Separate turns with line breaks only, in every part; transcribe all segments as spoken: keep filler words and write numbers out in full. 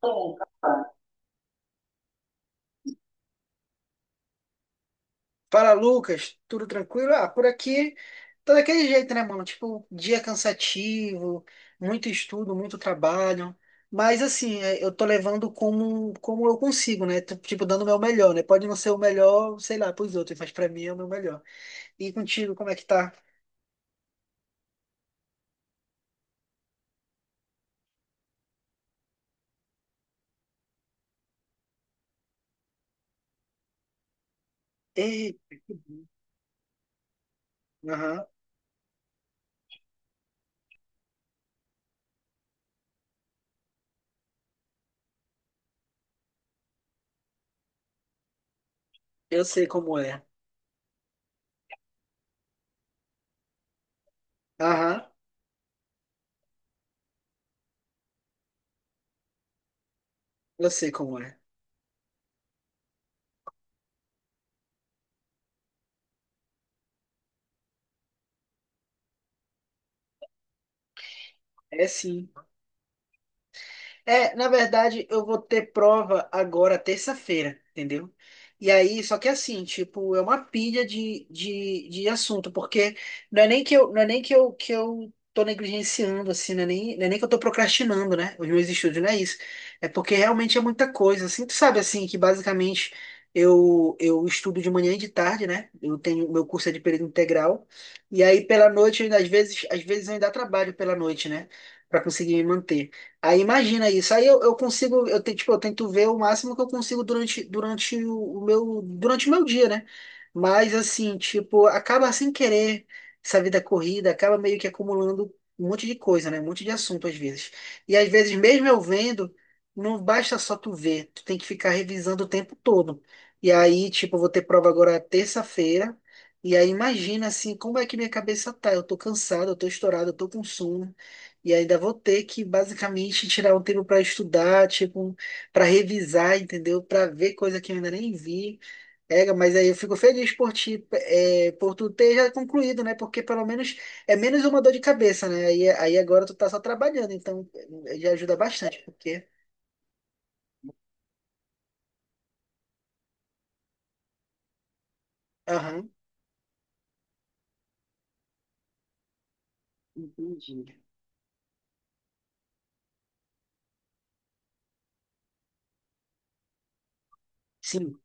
Bom, fala, Lucas, tudo tranquilo? Ah, por aqui tá daquele jeito, né, mano? Tipo, dia cansativo, muito estudo, muito trabalho. Mas assim, é, eu tô levando como, como eu consigo, né? Tô, tipo, dando o meu melhor, né? Pode não ser o melhor, sei lá, pros outros, mas pra mim é o meu melhor. E contigo, como é que tá? Eita, que bom. Aham, eu sei como é. Aham, eu sei como é. É sim. É, na verdade, eu vou ter prova agora terça-feira, entendeu? E aí, só que assim, tipo, é uma pilha de, de, de assunto, porque não é nem que eu, não é nem que eu, que eu tô negligenciando, assim, não é nem, não é nem que eu tô procrastinando, né? Os meus estudos, não é isso. É porque realmente é muita coisa, assim, tu sabe, assim, que basicamente eu, eu estudo de manhã e de tarde, né? Eu tenho, meu curso é de período integral, e aí pela noite, eu ainda- às vezes, às vezes eu ainda trabalho pela noite, né? Pra conseguir me manter. Aí imagina isso. Aí eu, eu consigo, eu, te- tipo, eu tento ver o máximo que eu consigo durante, durante o o meu, durante o meu dia, né? Mas assim, tipo, acaba sem querer essa vida corrida, acaba meio que acumulando um monte de coisa, né? Um monte de assunto às vezes. E às vezes, mesmo eu vendo, não basta só tu ver, tu tem que ficar revisando o tempo todo. E aí, tipo, eu vou ter prova agora terça-feira. E aí imagina assim, como é que minha cabeça tá? Eu tô cansado, eu tô estourado, eu tô com sono. E ainda vou ter que basicamente tirar um tempo para estudar, tipo, para revisar, entendeu? Para ver coisa que eu ainda nem vi. É, mas aí eu fico feliz por ti, é, por tu ter já concluído, né? Porque pelo menos é menos uma dor de cabeça, né? Aí, aí agora tu tá só trabalhando, então eh, já ajuda bastante, porque. Aham, entendi. Sim,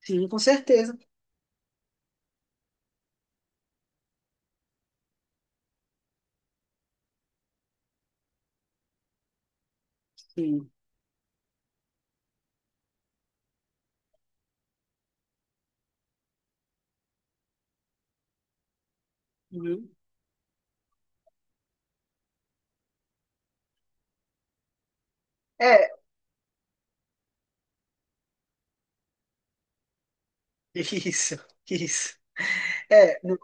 sim, com certeza. Sim. Uhum. É, isso, isso. É, não-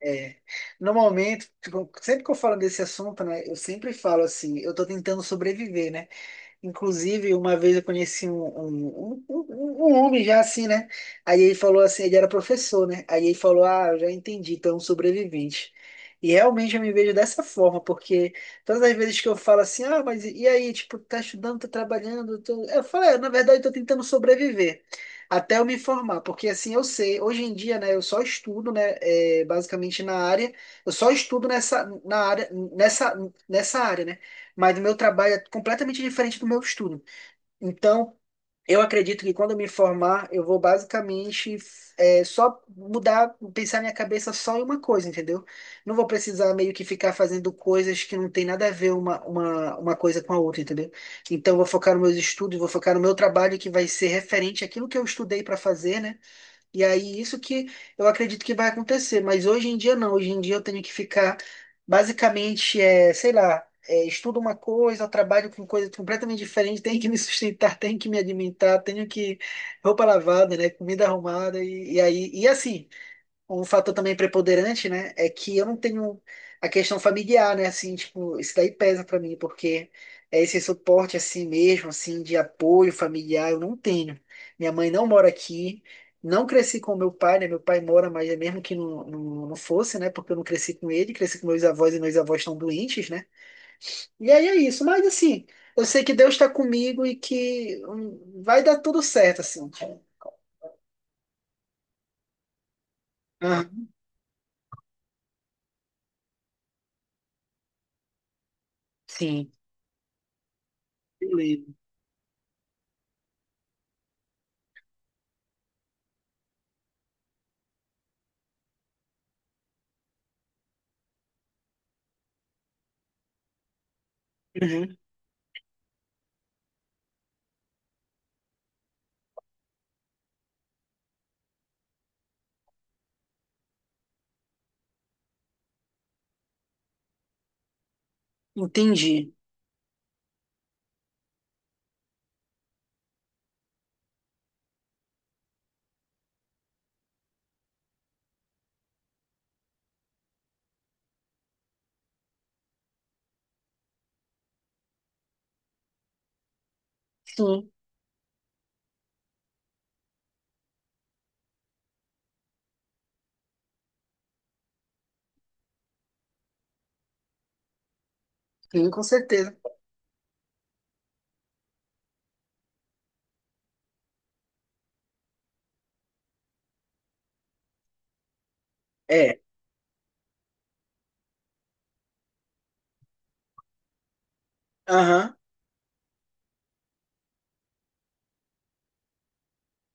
É, no tipo, sempre que eu falo desse assunto, né, eu sempre falo assim, eu tô tentando sobreviver, né? Inclusive, uma vez eu conheci um, um, um, um- um homem já assim, né? Aí ele falou assim, ele era professor, né? Aí ele falou, ah, eu já entendi, então é um sobrevivente. E realmente eu me vejo dessa forma, porque todas as vezes que eu falo assim, ah, mas e e aí, tipo, tá estudando, tá trabalhando, tô... eu falo, é, na verdade, eu tô tentando sobreviver. Até eu me formar, porque assim eu sei, hoje em dia, né, eu só estudo, né, é, basicamente na área, eu só estudo nessa, na área, nessa, nessa área, né? Mas o meu trabalho é completamente diferente do meu estudo. Então, eu acredito que quando eu me formar, eu vou basicamente é, só mudar, pensar minha cabeça só em uma coisa, entendeu? Não vou precisar meio que ficar fazendo coisas que não tem nada a ver uma, uma, uma coisa com a outra, entendeu? Então, eu vou focar nos meus estudos, vou focar no meu trabalho que vai ser referente àquilo que eu estudei para fazer, né? E aí, isso que eu acredito que vai acontecer, mas hoje em dia não, hoje em dia eu tenho que ficar, basicamente, é, sei lá, é, estudo uma coisa, trabalho com coisa completamente diferente, tenho que me sustentar, tenho que me alimentar, tenho que roupa lavada, né, comida arrumada, e, e aí, e assim, um fator também preponderante, né, é que eu não tenho a questão familiar, né, assim, tipo, isso daí pesa pra mim, porque é esse suporte assim mesmo, assim, de apoio familiar, eu não tenho. Minha mãe não mora aqui, não cresci com meu pai, né, meu pai mora, mas é mesmo que não, não, não fosse, né, porque eu não cresci com ele, cresci com meus avós e meus avós estão doentes, né, e aí é isso, mas assim, eu sei que Deus está comigo e que hum, vai dar tudo certo, assim. Aham, sim, beleza. Uhum, entendi. Sim. Sim, com certeza. É, aham.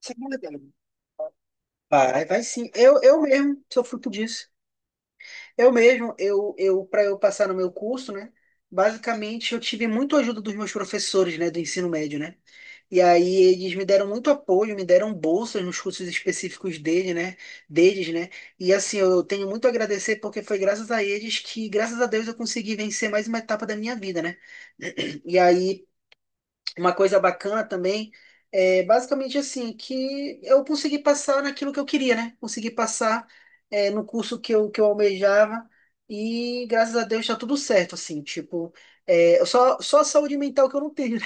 Isso é verdade. Vai, vai sim. Eu, eu mesmo sou fruto disso. Eu mesmo, eu, eu, para eu passar no meu curso, né? Basicamente, eu tive muito ajuda dos meus professores, né, do ensino médio, né? E aí eles me deram muito apoio, me deram bolsas nos cursos específicos dele, né? Deles, né? E assim, eu tenho muito a agradecer porque foi graças a eles que, graças a Deus, eu consegui vencer mais uma etapa da minha vida, né? E aí, uma coisa bacana também é basicamente assim, que eu consegui passar naquilo que eu queria, né? Consegui passar é, no curso que eu, que eu almejava e graças a Deus tá tudo certo, assim, tipo, é, só, só a saúde mental que eu não tenho,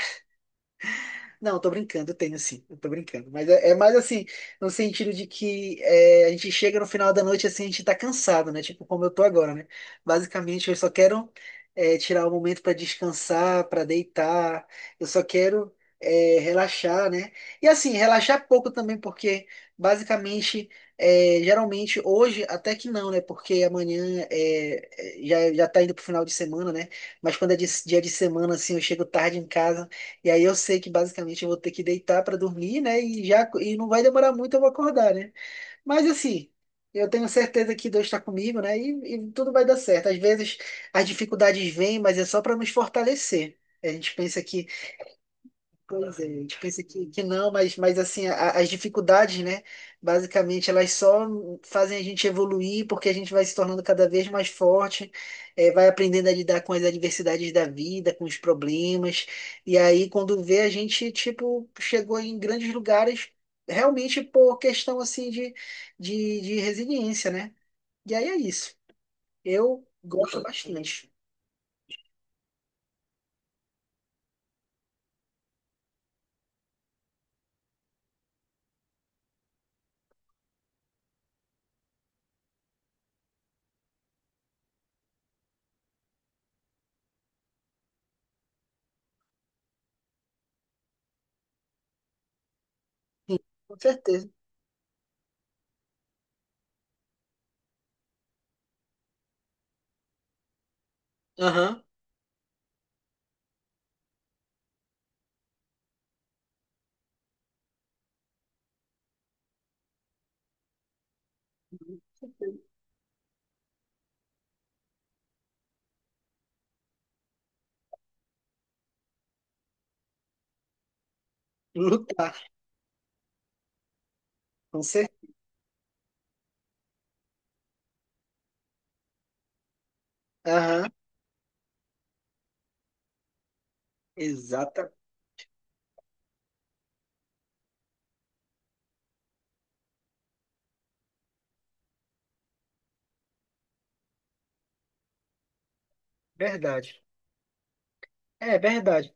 não, eu tô brincando, eu tenho sim, eu tô brincando. Mas é, é mais assim, no sentido de que é, a gente chega no final da noite assim, a gente tá cansado, né? Tipo como eu tô agora, né? Basicamente, eu só quero é, tirar um momento pra descansar, pra deitar, eu só quero é, relaxar, né? E assim, relaxar pouco também, porque basicamente, é, geralmente, hoje até que não, né? Porque amanhã é, é, já, já tá indo pro final de semana, né? Mas quando é de- dia de semana, assim, eu chego tarde em casa. E aí eu sei que basicamente eu vou ter que deitar para dormir, né? E já e não vai demorar muito eu vou acordar, né? Mas assim, eu tenho certeza que Deus está comigo, né? E, e tudo vai dar certo. Às vezes as dificuldades vêm, mas é só para nos fortalecer. A gente pensa que pois é, a gente pensa que, que não, mas, mas assim, a- as dificuldades, né, basicamente, elas só fazem a gente evoluir porque a gente vai se tornando cada vez mais forte, eh, vai aprendendo a lidar com as adversidades da vida, com os problemas, e aí quando vê, a gente, tipo, chegou em grandes lugares realmente por questão, assim, de, de, de resiliência, né? E aí é isso. Eu gosto bastante, sim, com certeza. Aham. Lutar, com certeza. Aham. Exata verdade. É verdade.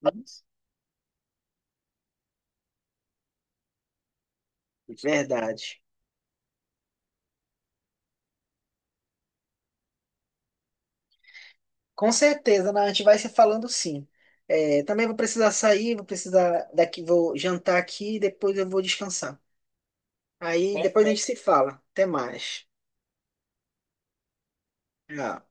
Vamos? Verdade. Com certeza, né? A gente vai se falando sim. É, também vou precisar sair, vou precisar daqui, vou jantar aqui e depois eu vou descansar. Aí depois a gente perfeito. Se fala. Até mais. Tchau.